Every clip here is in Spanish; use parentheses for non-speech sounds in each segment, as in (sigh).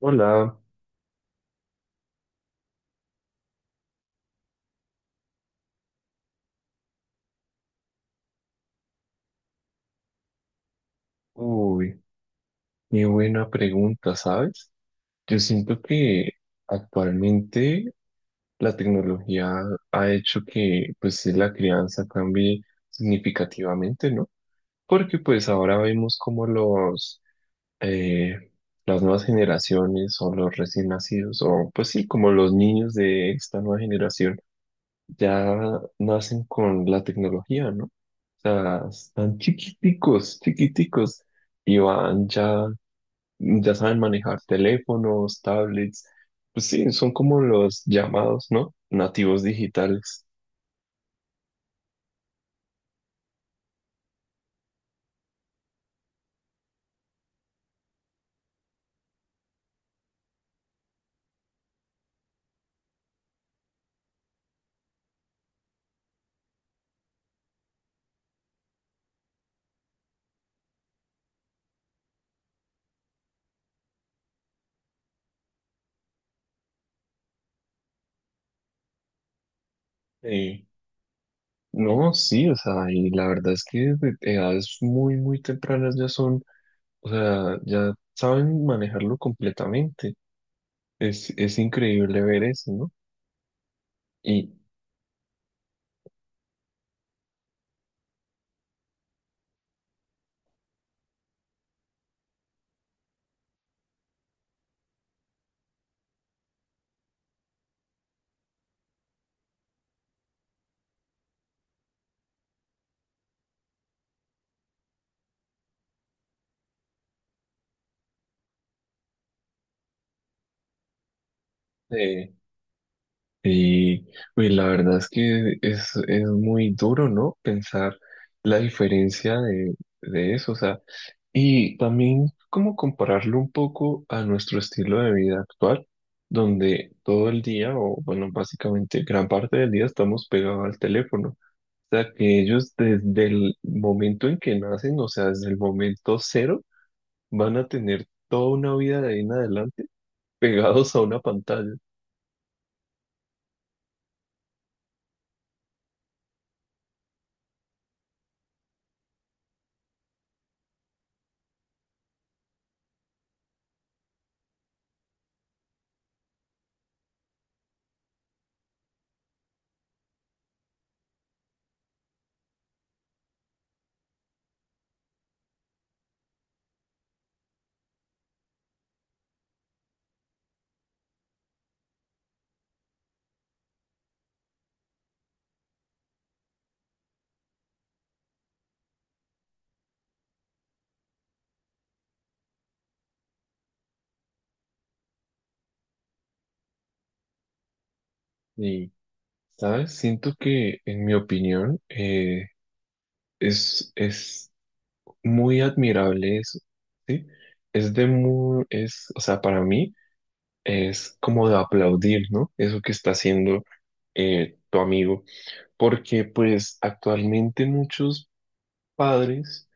Hola, uy, qué buena pregunta, ¿sabes? Yo siento que actualmente la tecnología ha hecho que pues la crianza cambie significativamente, ¿no? Porque pues ahora vemos como los eh, las nuevas generaciones o los recién nacidos o pues sí, como los niños de esta nueva generación ya nacen con la tecnología, ¿no? O sea, están chiquiticos, chiquiticos y van ya ya saben manejar teléfonos, tablets, pues sí, son como los llamados, ¿no? Nativos digitales. Eh, no, sí, o sea, y la verdad es que desde edades muy, muy tempranas ya son, o sea, ya saben manejarlo completamente. Es increíble ver eso, ¿no? Y eh, Y pues la verdad es que es muy duro, ¿no? Pensar la diferencia de eso, o sea, y también como compararlo un poco a nuestro estilo de vida actual, donde todo el día, o bueno, básicamente gran parte del día estamos pegados al teléfono. O sea, que ellos desde el momento en que nacen, o sea, desde el momento cero, van a tener toda una vida de ahí en adelante pegados a una pantalla. ¿Sabes? Siento que, en mi opinión, es muy admirable eso, ¿sí? Es de muy, es, o sea, para mí es como de aplaudir, ¿no? Eso que está haciendo tu amigo, porque pues actualmente muchos padres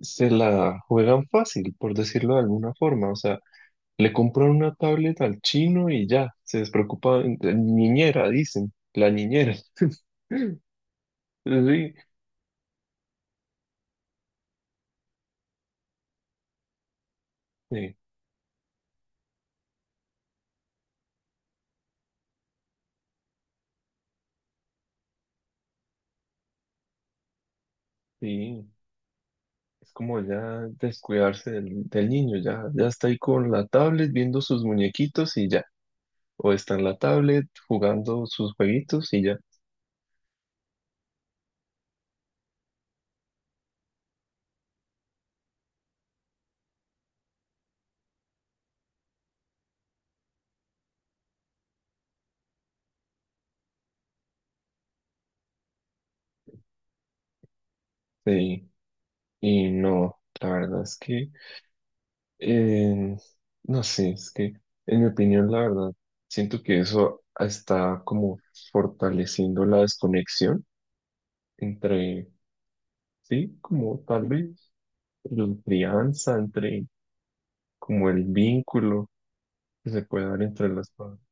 se la juegan fácil, por decirlo de alguna forma, o sea, le compran una tablet al chino y ya, se despreocupan, niñera, dicen, la niñera. (laughs) Sí, sí. Sí, es como ya descuidarse del, del niño, ya, ya está ahí con la tablet viendo sus muñequitos y ya, o está en la tablet jugando sus jueguitos y ya. Sí, y no, la verdad es que, eh, no sé, es que en mi opinión, la verdad, siento que eso está como fortaleciendo la desconexión entre, sí, como tal vez la crianza, entre como el vínculo que se puede dar entre las familias.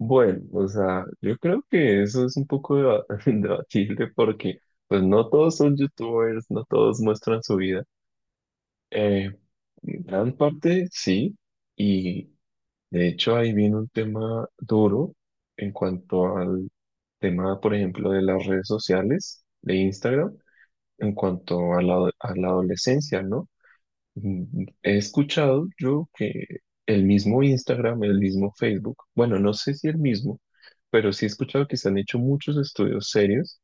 Bueno, o sea, yo creo que eso es un poco deba- (laughs) debatible porque pues no todos son youtubers, no todos muestran su vida. Eh, Gran parte sí, y de hecho ahí viene un tema duro en cuanto al tema, por ejemplo, de las redes sociales, de Instagram, en cuanto a a la adolescencia, ¿no? Mm, he escuchado yo que el mismo Instagram, el mismo Facebook, bueno, no sé si el mismo, pero sí he escuchado que se han hecho muchos estudios serios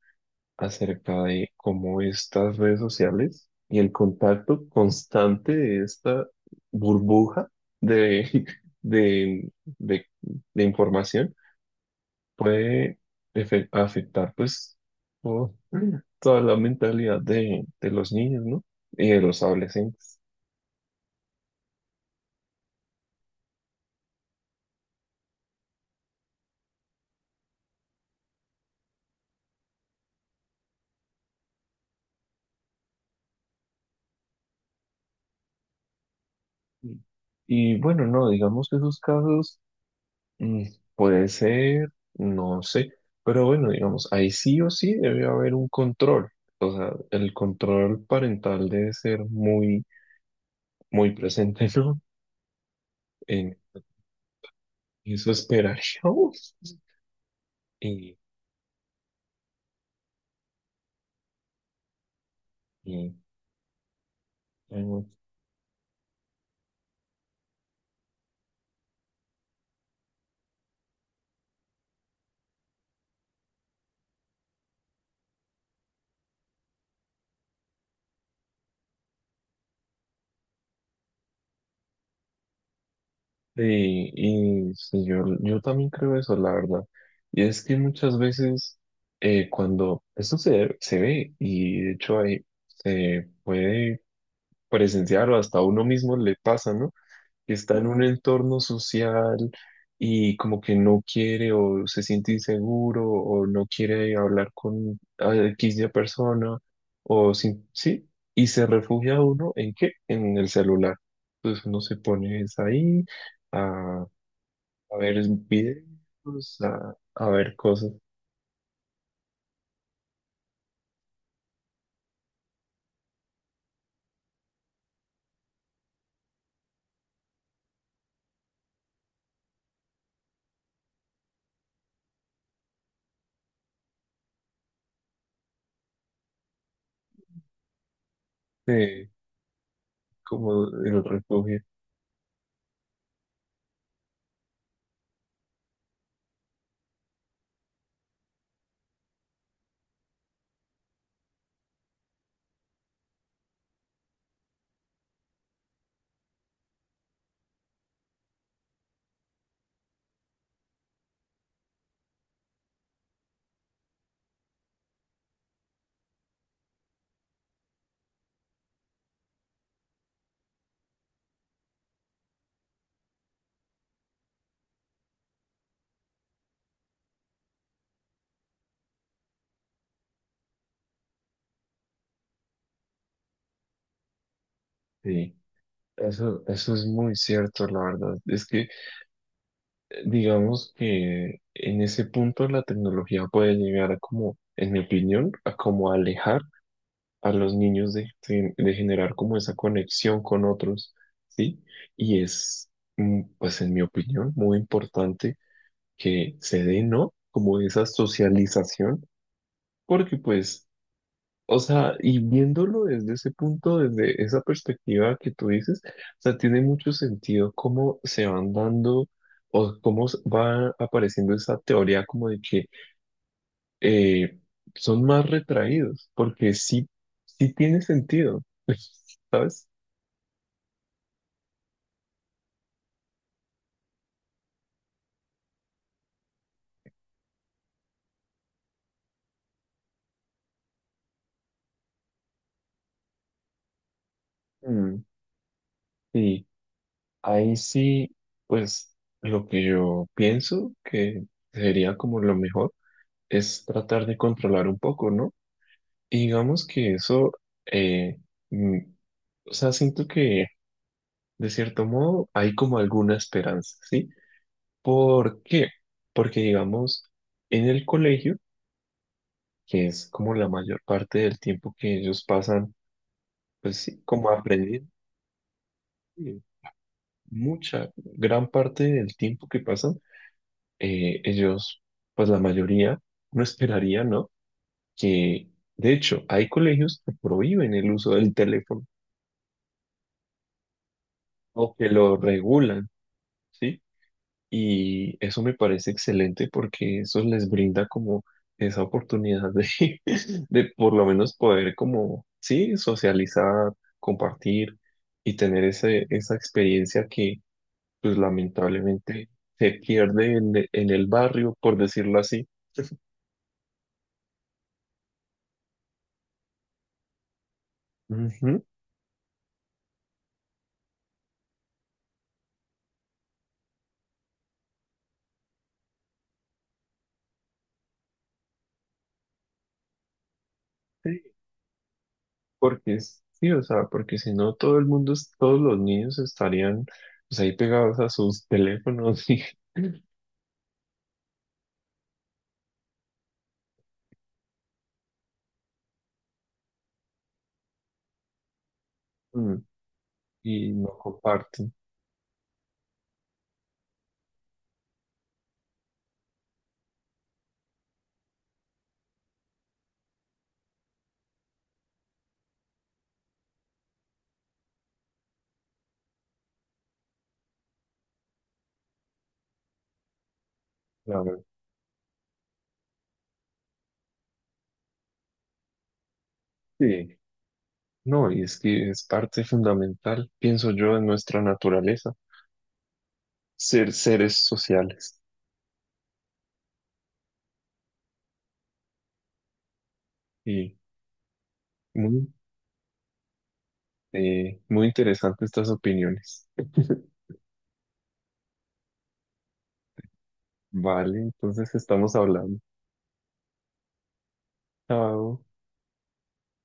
acerca de cómo estas redes sociales y el contacto constante de esta burbuja de, (laughs) de, de, de información puede afectar pues todo- toda la mentalidad de los niños, ¿no? Y de los adolescentes. Y y bueno, no, digamos que esos casos mm, puede ser, no sé, pero bueno, digamos, ahí sí o sí debe haber un control. O sea, el control parental debe ser muy, muy presente, (laughs) ¿no? En eso esperaríamos. (laughs) Y, y, bueno, y sí, yo también creo eso, la verdad. Y es que muchas veces cuando esto se ve, y de hecho ahí se puede presenciar o hasta a uno mismo le pasa, ¿no? Que está en un entorno social y como que no quiere o se siente inseguro o no quiere hablar con a X de persona o sin, sí, y se refugia uno en qué? En el celular. Entonces uno se pone es ahí a, a ver videos, a ver cosas de como el refugio. Sí, eso es muy cierto, la verdad. Es que digamos que en ese punto la tecnología puede llegar a como, en mi opinión, a como alejar a los niños de generar como esa conexión con otros, ¿sí? Y es, mm, pues en mi opinión, muy importante que se dé, ¿no? Como esa socialización, porque pues o sea, y viéndolo desde ese punto, desde esa perspectiva que tú dices, o sea, tiene mucho sentido cómo se van dando o cómo va apareciendo esa teoría como de que eh, son más retraídos, porque sí, sí tiene sentido, (laughs) ¿sabes? Mm, sí, ahí sí, pues lo que yo pienso que sería como lo mejor es tratar de controlar un poco, ¿no? Y digamos que eso... eh, mm, O sea, siento que de cierto modo hay como alguna esperanza, ¿sí? ¿Por qué? Porque digamos, en el colegio, que es como la mayor parte del tiempo que ellos pasan, pues sí, como aprendiendo, eh, mucha, gran parte del tiempo que pasan, ellos, pues la mayoría, no esperaría, ¿no? Que, de hecho, hay colegios que prohíben el uso del teléfono o que lo regulan, ¿sí? Y eso me parece excelente porque eso les brinda como esa oportunidad de, (laughs) de por lo menos poder como, sí, socializar, compartir y tener ese, esa experiencia que pues lamentablemente se pierde en, en el barrio, por decirlo así. Ujú, sí, porque sí, o sea, porque si no todo el mundo, todos los niños estarían pues ahí pegados a sus teléfonos y, (laughs) mm, y no comparten, la verdad. Sí. No, y es que es parte fundamental, pienso yo, de nuestra naturaleza, ser seres sociales. Y muy, muy interesantes estas opiniones. Vale, entonces estamos hablando. Chao.